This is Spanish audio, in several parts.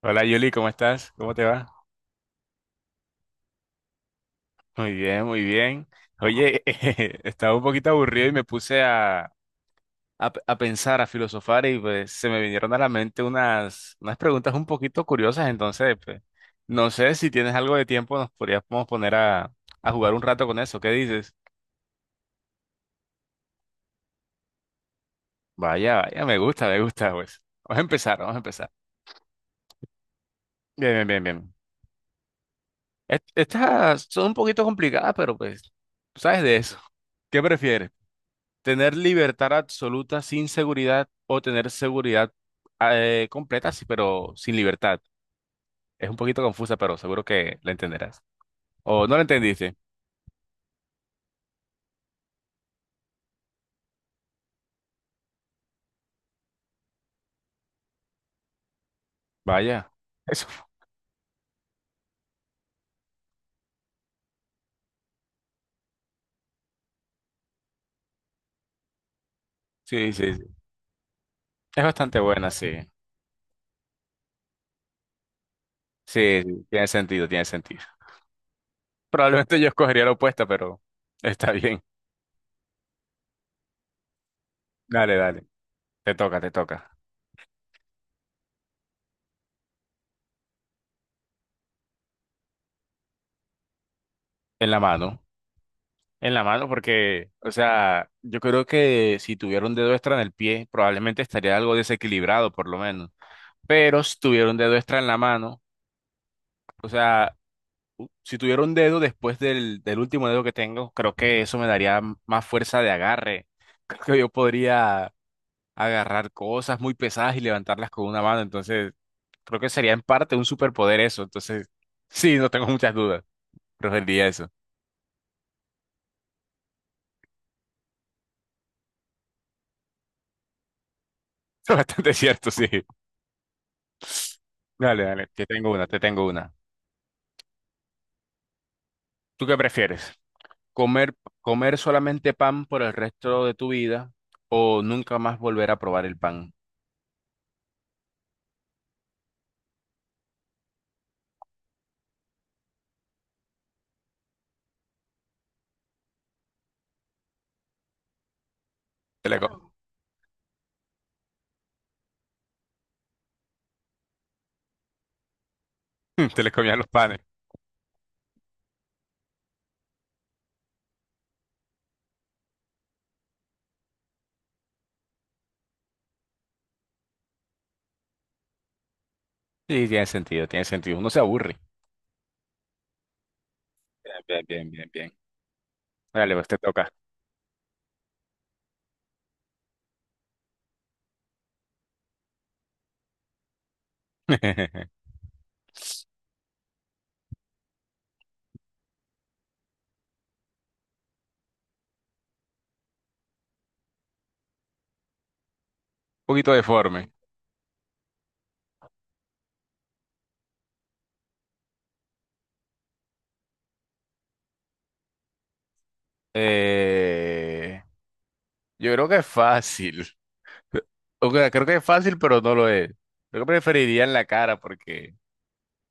Hola Yuli, ¿cómo estás? ¿Cómo te va? Muy bien, muy bien. Oye, estaba un poquito aburrido y me puse a, a pensar, a filosofar y pues se me vinieron a la mente unas preguntas un poquito curiosas, entonces pues, no sé si tienes algo de tiempo, nos podríamos poner a jugar un rato con eso, ¿qué dices? Vaya, vaya, me gusta, pues. Vamos a empezar, vamos a empezar. Bien, bien, bien, bien. Estas son un poquito complicadas, pero pues, tú sabes de eso. ¿Qué prefieres? Tener libertad absoluta sin seguridad o tener seguridad completa, sí, pero sin libertad. Es un poquito confusa, pero seguro que la entenderás. O no la entendiste. Vaya. Eso. Sí, sí, sí. Es bastante buena, sí. Sí, sí, tiene sentido, tiene sentido. Probablemente yo escogería la opuesta, pero está bien. Dale, dale. Te toca, te toca. En la mano. En la mano, porque, o sea, yo creo que si tuviera un dedo extra en el pie, probablemente estaría algo desequilibrado, por lo menos. Pero si tuviera un dedo extra en la mano, o sea, si tuviera un dedo después del último dedo que tengo, creo que eso me daría más fuerza de agarre. Creo que yo podría agarrar cosas muy pesadas y levantarlas con una mano, entonces creo que sería en parte un superpoder eso, entonces sí, no tengo muchas dudas, preferiría eso. Es bastante cierto, sí. Dale, dale, te tengo una, te tengo una. ¿Tú qué prefieres? ¿Comer, comer solamente pan por el resto de tu vida o nunca más volver a probar el pan? Te le, co- te le comían los panes. Sí, tiene sentido, tiene sentido. Uno se aburre. Bien, bien, bien, bien, bien. Dale, pues te toca. Un poquito deforme. Eh, yo creo que es fácil. O sea, creo que es fácil, pero no lo es. Yo preferiría en la cara porque,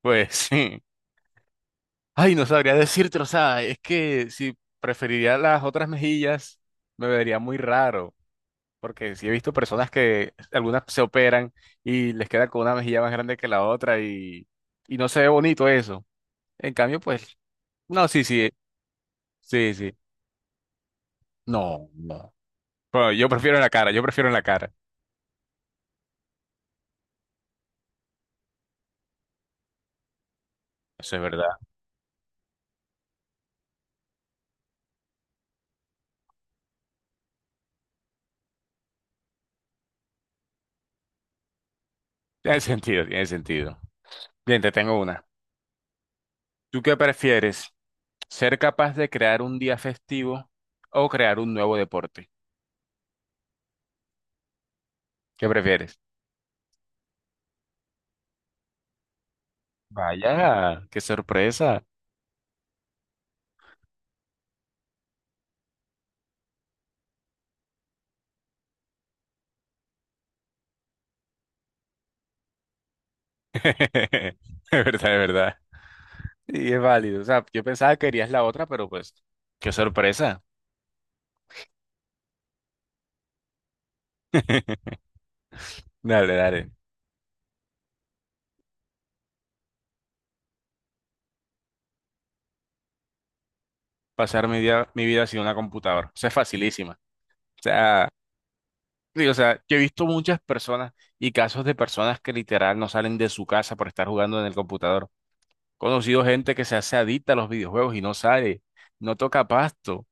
pues sí. Ay, no sabría decirte, o sea, es que si preferiría las otras mejillas, me vería muy raro. Porque sí he visto personas que algunas se operan y les queda con una mejilla más grande que la otra y no se ve bonito eso. En cambio, pues, no, sí, sí, sí, sí. No, no. Pero yo prefiero en la cara, yo prefiero en la cara. Eso es verdad. Tiene sentido, tiene sentido. Bien, te tengo una. ¿Tú qué prefieres? ¿Ser capaz de crear un día festivo o crear un nuevo deporte? ¿Qué prefieres? Vaya, qué sorpresa. De verdad, de verdad. Y es válido. O sea, yo pensaba que querías la otra, pero pues, qué sorpresa. Dale, dale. Pasar mi día, mi vida sin una computadora. Eso es facilísima. O sea, sí, o sea, yo he visto muchas personas y casos de personas que literal no salen de su casa por estar jugando en el computador. He conocido gente que se hace adicta a los videojuegos y no sale, no toca pasto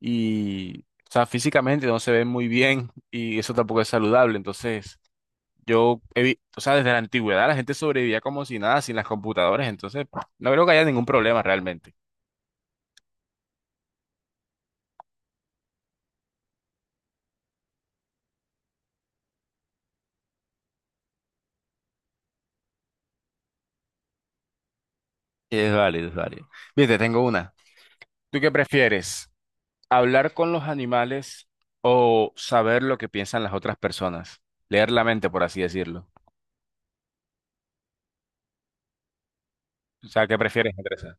y, o sea, físicamente no se ven muy bien y eso tampoco es saludable. Entonces, yo, o sea, desde la antigüedad la gente sobrevivía como si nada, sin las computadoras, entonces no creo que haya ningún problema realmente. Es válido, es válido. Bien, te tengo una. ¿Tú qué prefieres? ¿Hablar con los animales o saber lo que piensan las otras personas? Leer la mente, por así decirlo. O sea, ¿qué prefieres entre esas?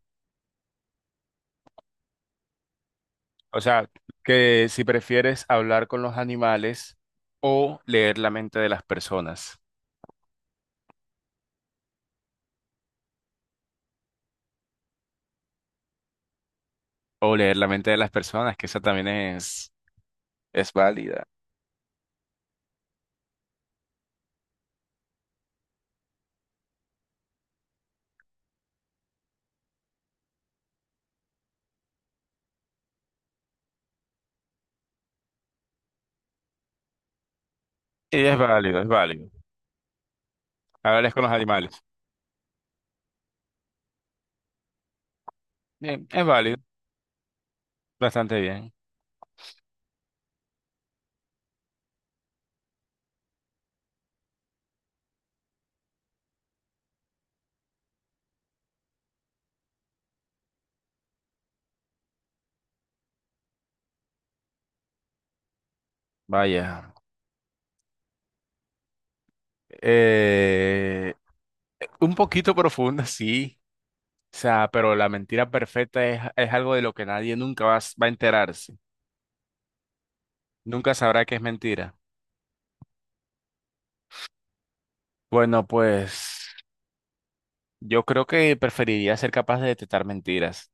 O sea, que si prefieres hablar con los animales o leer la mente de las personas. O leer la mente de las personas, que esa también es válida. Y es válido, es válido. Hablarles con los animales. Bien, es válido, bastante bien. Vaya. Eh, un poquito profunda, sí. O sea, pero la mentira perfecta es algo de lo que nadie nunca va, va a enterarse. Nunca sabrá que es mentira. Bueno, pues yo creo que preferiría ser capaz de detectar mentiras.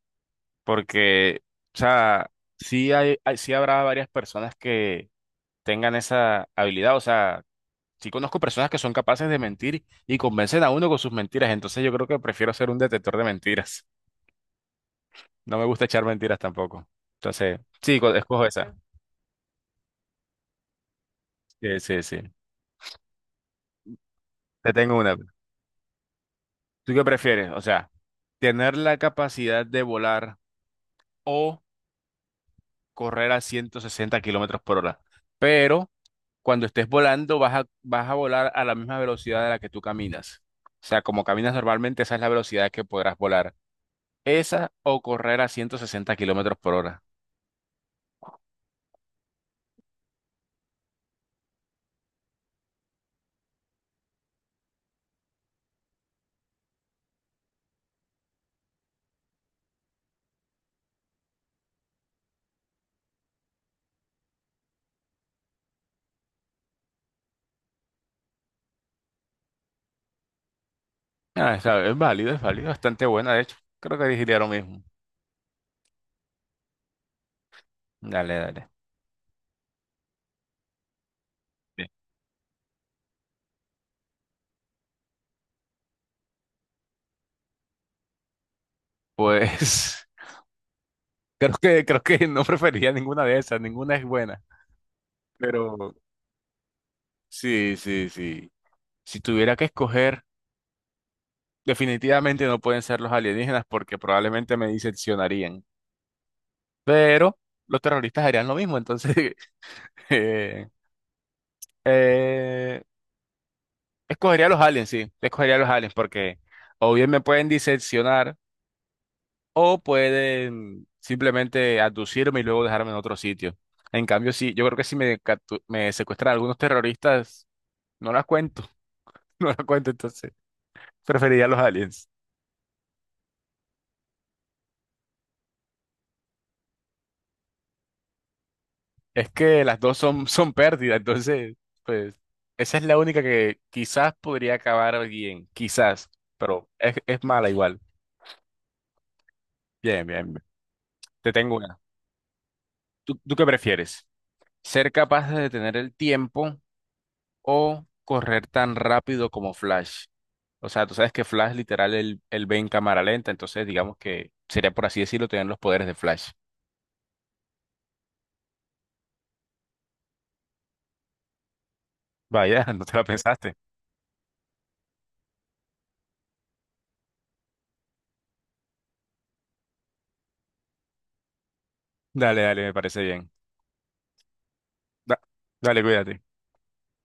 Porque, o sea, sí hay, sí habrá varias personas que tengan esa habilidad. O sea, sí conozco personas que son capaces de mentir y convencen a uno con sus mentiras, entonces yo creo que prefiero ser un detector de mentiras. No me gusta echar mentiras tampoco. Entonces, sí, escojo esa. Sí, sí, sí. Te tengo una. ¿Tú qué prefieres? O sea, tener la capacidad de volar o correr a 160 kilómetros por hora. Pero cuando estés volando vas a volar a la misma velocidad a la que tú caminas. O sea, como caminas normalmente, esa es la velocidad que podrás volar. Esa o correr a 160 kilómetros por hora. Es válido, es válido, bastante buena, de hecho. Creo que diría lo mismo. Dale, dale. Bien. Pues creo que no prefería ninguna de esas, ninguna es buena. Pero sí, sí, sí. Si tuviera que escoger, definitivamente no pueden ser los alienígenas porque probablemente me diseccionarían. Pero los terroristas harían lo mismo, entonces eh, eh, escogería a los aliens, sí, escogería a los aliens porque o bien me pueden diseccionar. O pueden simplemente aducirme y luego dejarme en otro sitio. En cambio, sí, yo creo que si me secuestran algunos terroristas, no las cuento, no las cuento, entonces preferiría los aliens. Es que las dos son, son pérdidas, entonces, pues, esa es la única que quizás podría acabar bien, quizás, pero es mala igual. Bien, bien, bien. Te tengo una. ¿Tú qué prefieres? ¿Ser capaz de detener el tiempo o correr tan rápido como Flash? O sea, tú sabes que Flash literal él ve en cámara lenta, entonces digamos que sería por así decirlo tener los poderes de Flash. Vaya, no te la pensaste. Dale, dale, me parece bien. Da- Dale, cuídate.